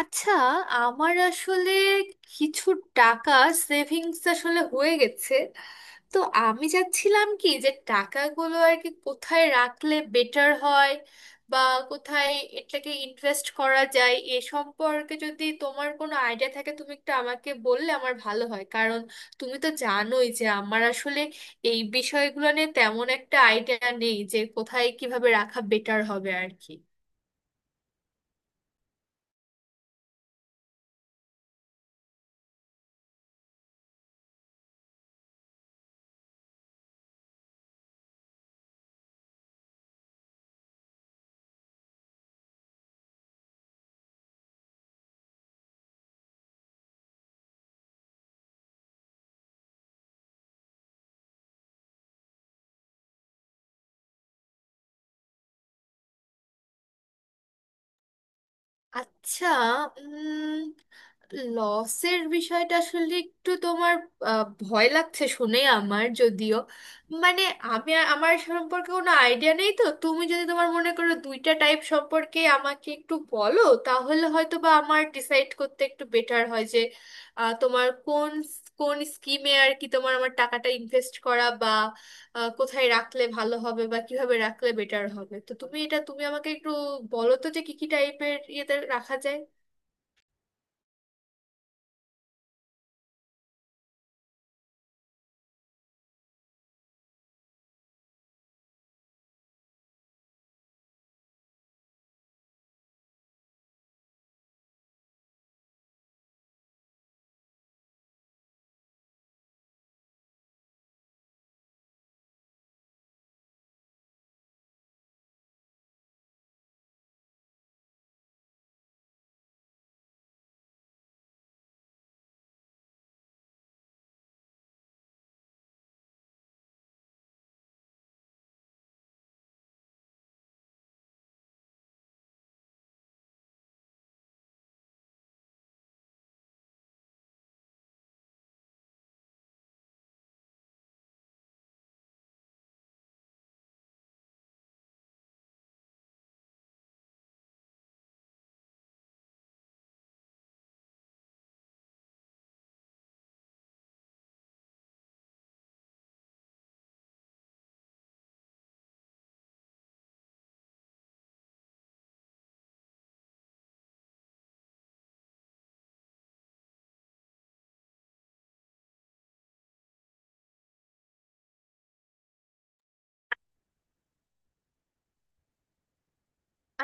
আচ্ছা আমার আসলে কিছু টাকা সেভিংস আসলে হয়ে গেছে। তো আমি চাচ্ছিলাম কি যে টাকাগুলো আর কি কোথায় রাখলে বেটার হয় বা কোথায় এটাকে ইনভেস্ট করা যায় এ সম্পর্কে যদি তোমার কোনো আইডিয়া থাকে তুমি একটু আমাকে বললে আমার ভালো হয়, কারণ তুমি তো জানোই যে আমার আসলে এই বিষয়গুলো নিয়ে তেমন একটা আইডিয়া নেই যে কোথায় কিভাবে রাখা বেটার হবে আর কি। আচ্ছা, উম লসের বিষয়টা আসলে একটু তোমার ভয় লাগছে শুনে আমার, যদিও মানে আমি আমার সম্পর্কে কোনো আইডিয়া নেই। তো তুমি যদি তোমার মনে করো দুইটা টাইপ সম্পর্কে আমাকে একটু বলো তাহলে হয়তো বা আমার ডিসাইড করতে একটু বেটার হয় যে তোমার কোন কোন স্কিমে আর কি তোমার আমার টাকাটা ইনভেস্ট করা কোথায় রাখলে ভালো হবে বা কিভাবে রাখলে বেটার হবে। তো তুমি এটা তুমি আমাকে একটু বলো তো যে কি কি টাইপের ইয়েতে রাখা যায়।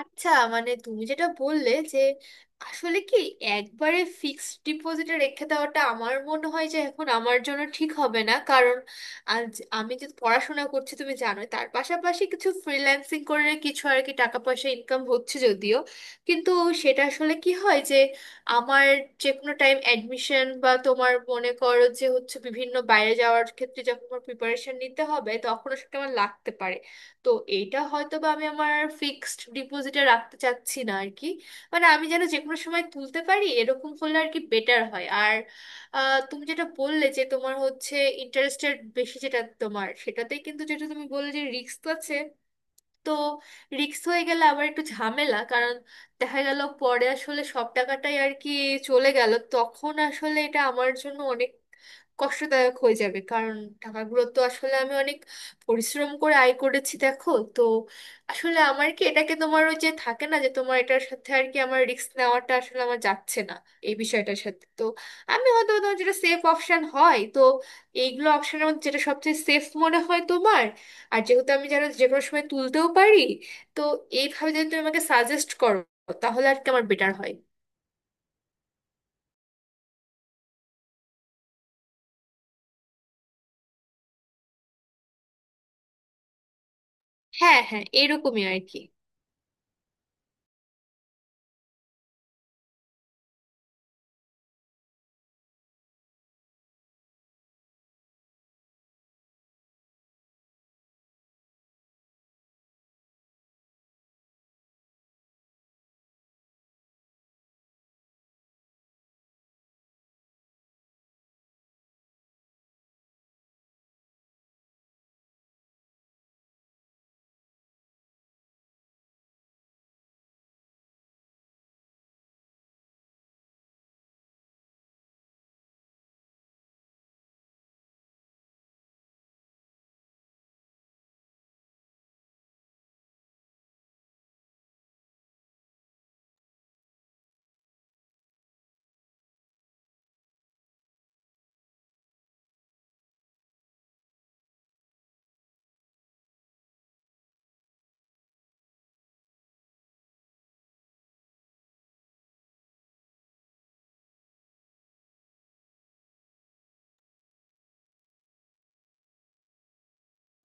আচ্ছা, মানে তুমি যেটা বললে যে আসলে কি একবারে ফিক্সড ডিপোজিটে রেখে দেওয়াটা আমার মনে হয় যে এখন আমার জন্য ঠিক হবে না, কারণ আজ আমি যে পড়াশোনা করছি তুমি জানোই, তার পাশাপাশি কিছু ফ্রিল্যান্সিং করে কিছু আর কি টাকা পয়সা ইনকাম হচ্ছে যদিও, কিন্তু সেটা আসলে কি হয় যে আমার যে কোনো টাইম অ্যাডমিশন বা তোমার মনে করো যে হচ্ছে বিভিন্ন বাইরে যাওয়ার ক্ষেত্রে যখন আমার প্রিপারেশন নিতে হবে তখন সেটা আমার লাগতে পারে। তো এইটা হয়তো বা আমি আমার ফিক্সড ডিপোজিটে রাখতে চাচ্ছি না আর কি। মানে আমি যেন যে কোনো সময় তুলতে পারি এরকম করলে আর কি বেটার হয়। আর তুমি যেটা বললে যে তোমার হচ্ছে ইন্টারেস্টের বেশি যেটা তোমার সেটাতেই, কিন্তু যেটা তুমি বললে যে রিস্ক তো আছে। তো রিস্ক হয়ে গেলে আবার একটু ঝামেলা, কারণ দেখা গেল পরে আসলে সব টাকাটাই আর কি চলে গেল তখন আসলে এটা আমার জন্য অনেক কষ্টদায়ক হয়ে যাবে, কারণ টাকাগুলো তো আসলে আমি অনেক পরিশ্রম করে আয় করেছি দেখো তো। আসলে আমার কি এটাকে তোমার ওই যে থাকে না যে তোমার এটার সাথে আর কি আমার রিস্ক নেওয়াটা আসলে আমার যাচ্ছে না এই বিষয়টার সাথে। তো আমি হয়তো তোমার যেটা সেফ অপশন হয় তো এইগুলো অপশনের মধ্যে যেটা সবচেয়ে সেফ মনে হয় তোমার, আর যেহেতু আমি যেন যে কোনো সময় তুলতেও পারি, তো এইভাবে যদি তুমি আমাকে সাজেস্ট করো তাহলে আর কি আমার বেটার হয়। হ্যাঁ, হ্যাঁ, এরকমই আর কি।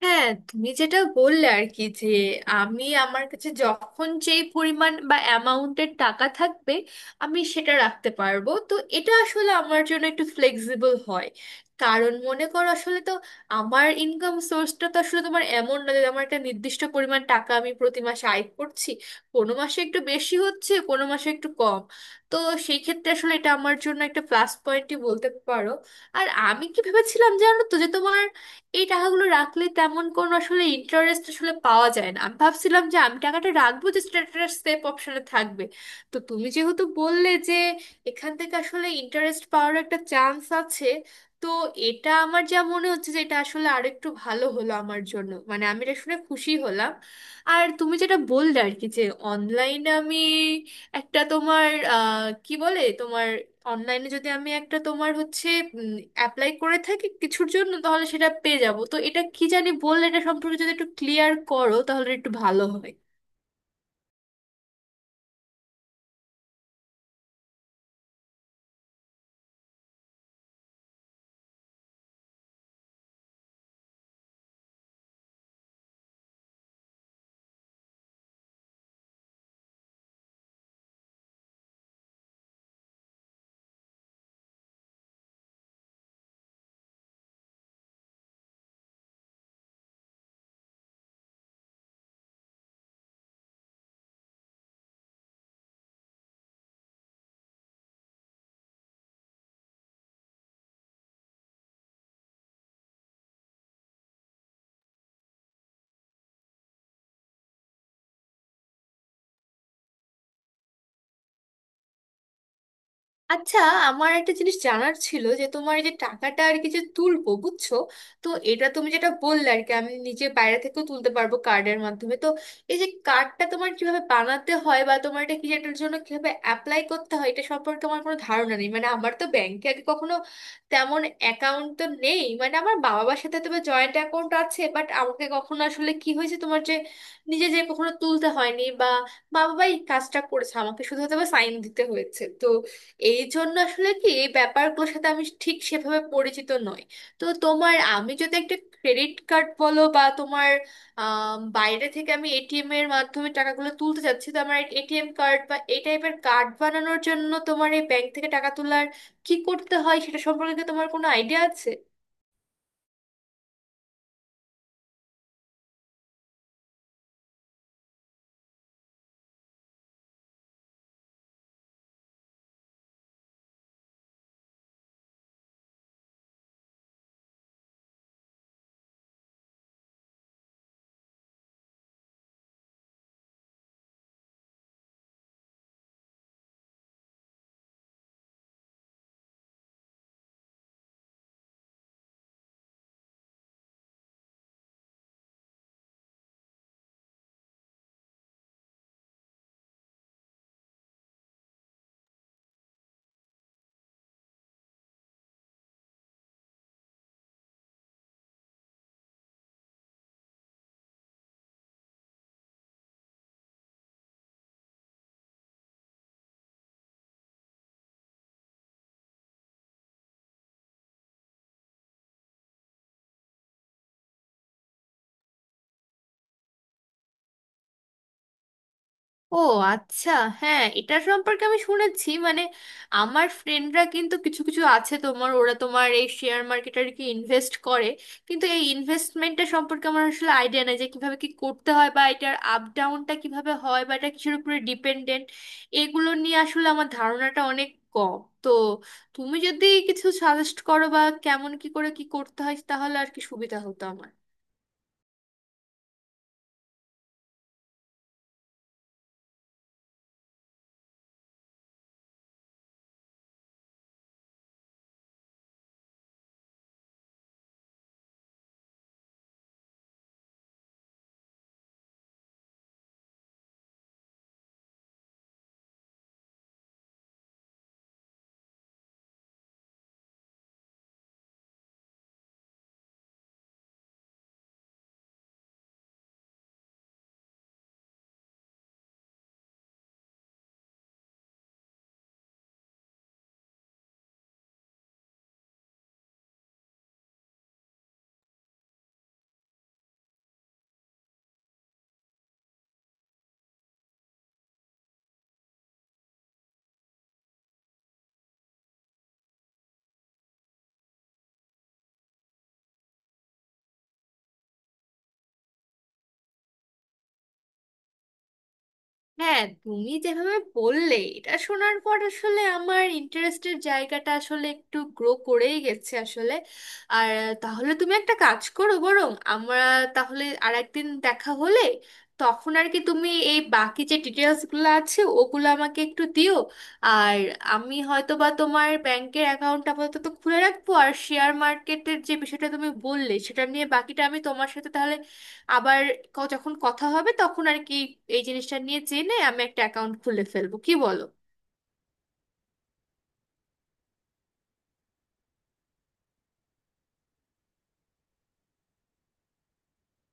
হ্যাঁ তুমি যেটা বললে আর কি যে আমি আমার কাছে যখন যেই পরিমাণ বা অ্যামাউন্টের টাকা থাকবে আমি সেটা রাখতে পারবো, তো এটা আসলে আমার জন্য একটু ফ্লেক্সিবল হয়, কারণ মনে করো আসলে তো আমার ইনকাম সোর্সটা তো আসলে তোমার এমন না যে আমার একটা নির্দিষ্ট পরিমাণ টাকা আমি প্রতি মাসে আয় করছি। কোনো মাসে একটু বেশি হচ্ছে কোনো মাসে একটু কম। তো সেই ক্ষেত্রে আসলে এটা আমার জন্য একটা প্লাস পয়েন্টই বলতে পারো। আর আমি কি ভেবেছিলাম জানো তো যে তোমার এই টাকাগুলো রাখলে তেমন কোনো আসলে ইন্টারেস্ট আসলে পাওয়া যায় না, আমি ভাবছিলাম যে আমি টাকাটা রাখবো যে স্ট্যাটাস সেভ অপশনে থাকবে। তো তুমি যেহেতু বললে যে এখান থেকে আসলে ইন্টারেস্ট পাওয়ার একটা চান্স আছে, তো এটা আমার যা মনে হচ্ছে যে এটা আসলে আরেকটু ভালো হলো আমার জন্য, মানে আমি এটা শুনে খুশি হলাম। আর তুমি যেটা বললে আর কি যে অনলাইনে আমি একটা তোমার কি বলে তোমার অনলাইনে যদি আমি একটা তোমার হচ্ছে অ্যাপ্লাই করে থাকি কিছুর জন্য তাহলে সেটা পেয়ে যাব, তো এটা কি জানি বললে এটা সম্পর্কে যদি একটু ক্লিয়ার করো তাহলে একটু ভালো হয়। আচ্ছা, আমার একটা জিনিস জানার ছিল যে তোমার এই যে টাকাটা আর কি যে তুলবো বুঝছো, তো এটা তুমি যেটা বললে আর কি আমি নিজে বাইরে থেকেও তুলতে পারবো কার্ডের মাধ্যমে। তো এই যে কার্ডটা তোমার কিভাবে বানাতে হয় বা তোমার এটা কি এটার জন্য কিভাবে অ্যাপ্লাই করতে হয় এটা সম্পর্কে আমার কোনো ধারণা নেই। মানে আমার তো ব্যাংকে আগে কখনো তেমন অ্যাকাউন্ট তো নেই। মানে আমার বাবা মার সাথে তবে জয়েন্ট অ্যাকাউন্ট আছে, বাট আমাকে কখনো আসলে কি হয়েছে তোমার যে নিজে যে কখনো তুলতে হয়নি বা বাবাই কাজটা করেছে, আমাকে শুধু হয়তো বা সাইন দিতে হয়েছে। তো এই জন্য আসলে কি এই ব্যাপারগুলোর সাথে আমি ঠিক সেভাবে পরিচিত নই। তো তোমার আমি যদি একটা ক্রেডিট কার্ড বলো বা তোমার বাইরে থেকে আমি এটিএম এর মাধ্যমে টাকাগুলো তুলতে চাচ্ছি, তো আমার এটিএম কার্ড বা এই টাইপের কার্ড বানানোর জন্য তোমার এই ব্যাংক থেকে টাকা তোলার কি করতে হয় সেটা সম্পর্কে কি তোমার কোনো আইডিয়া আছে? ও আচ্ছা, হ্যাঁ এটা সম্পর্কে আমি শুনেছি। মানে আমার ফ্রেন্ডরা কিন্তু কিছু কিছু আছে তোমার ওরা তোমার এই শেয়ার মার্কেটে আর কি ইনভেস্ট করে, কিন্তু এই ইনভেস্টমেন্টটা সম্পর্কে আমার আসলে আইডিয়া নেই যে কিভাবে কি করতে হয় বা এটার আপ ডাউনটা কিভাবে হয় বা এটা কিসের উপরে ডিপেন্ডেন্ট। এগুলো নিয়ে আসলে আমার ধারণাটা অনেক কম। তো তুমি যদি কিছু সাজেস্ট করো বা কেমন কি করে কি করতে হয় তাহলে আর কি সুবিধা হতো আমার। হ্যাঁ তুমি যেভাবে বললে এটা শোনার পর আসলে আমার ইন্টারেস্টের জায়গাটা আসলে একটু গ্রো করেই গেছে আসলে। আর তাহলে তুমি একটা কাজ করো বরং আমরা তাহলে আর একদিন দেখা হলে তখন আর কি তুমি এই বাকি যে ডিটেলসগুলো আছে ওগুলো আমাকে একটু দিও। আর আমি হয়তো বা তোমার ব্যাংকের অ্যাকাউন্ট আপাতত খুলে রাখবো, আর শেয়ার মার্কেটের যে বিষয়টা তুমি বললে সেটা নিয়ে বাকিটা আমি তোমার সাথে তাহলে আবার যখন কথা হবে তখন আর কি এই জিনিসটা নিয়ে জেনে আমি একটা অ্যাকাউন্ট খুলে ফেলবো, কি বলো?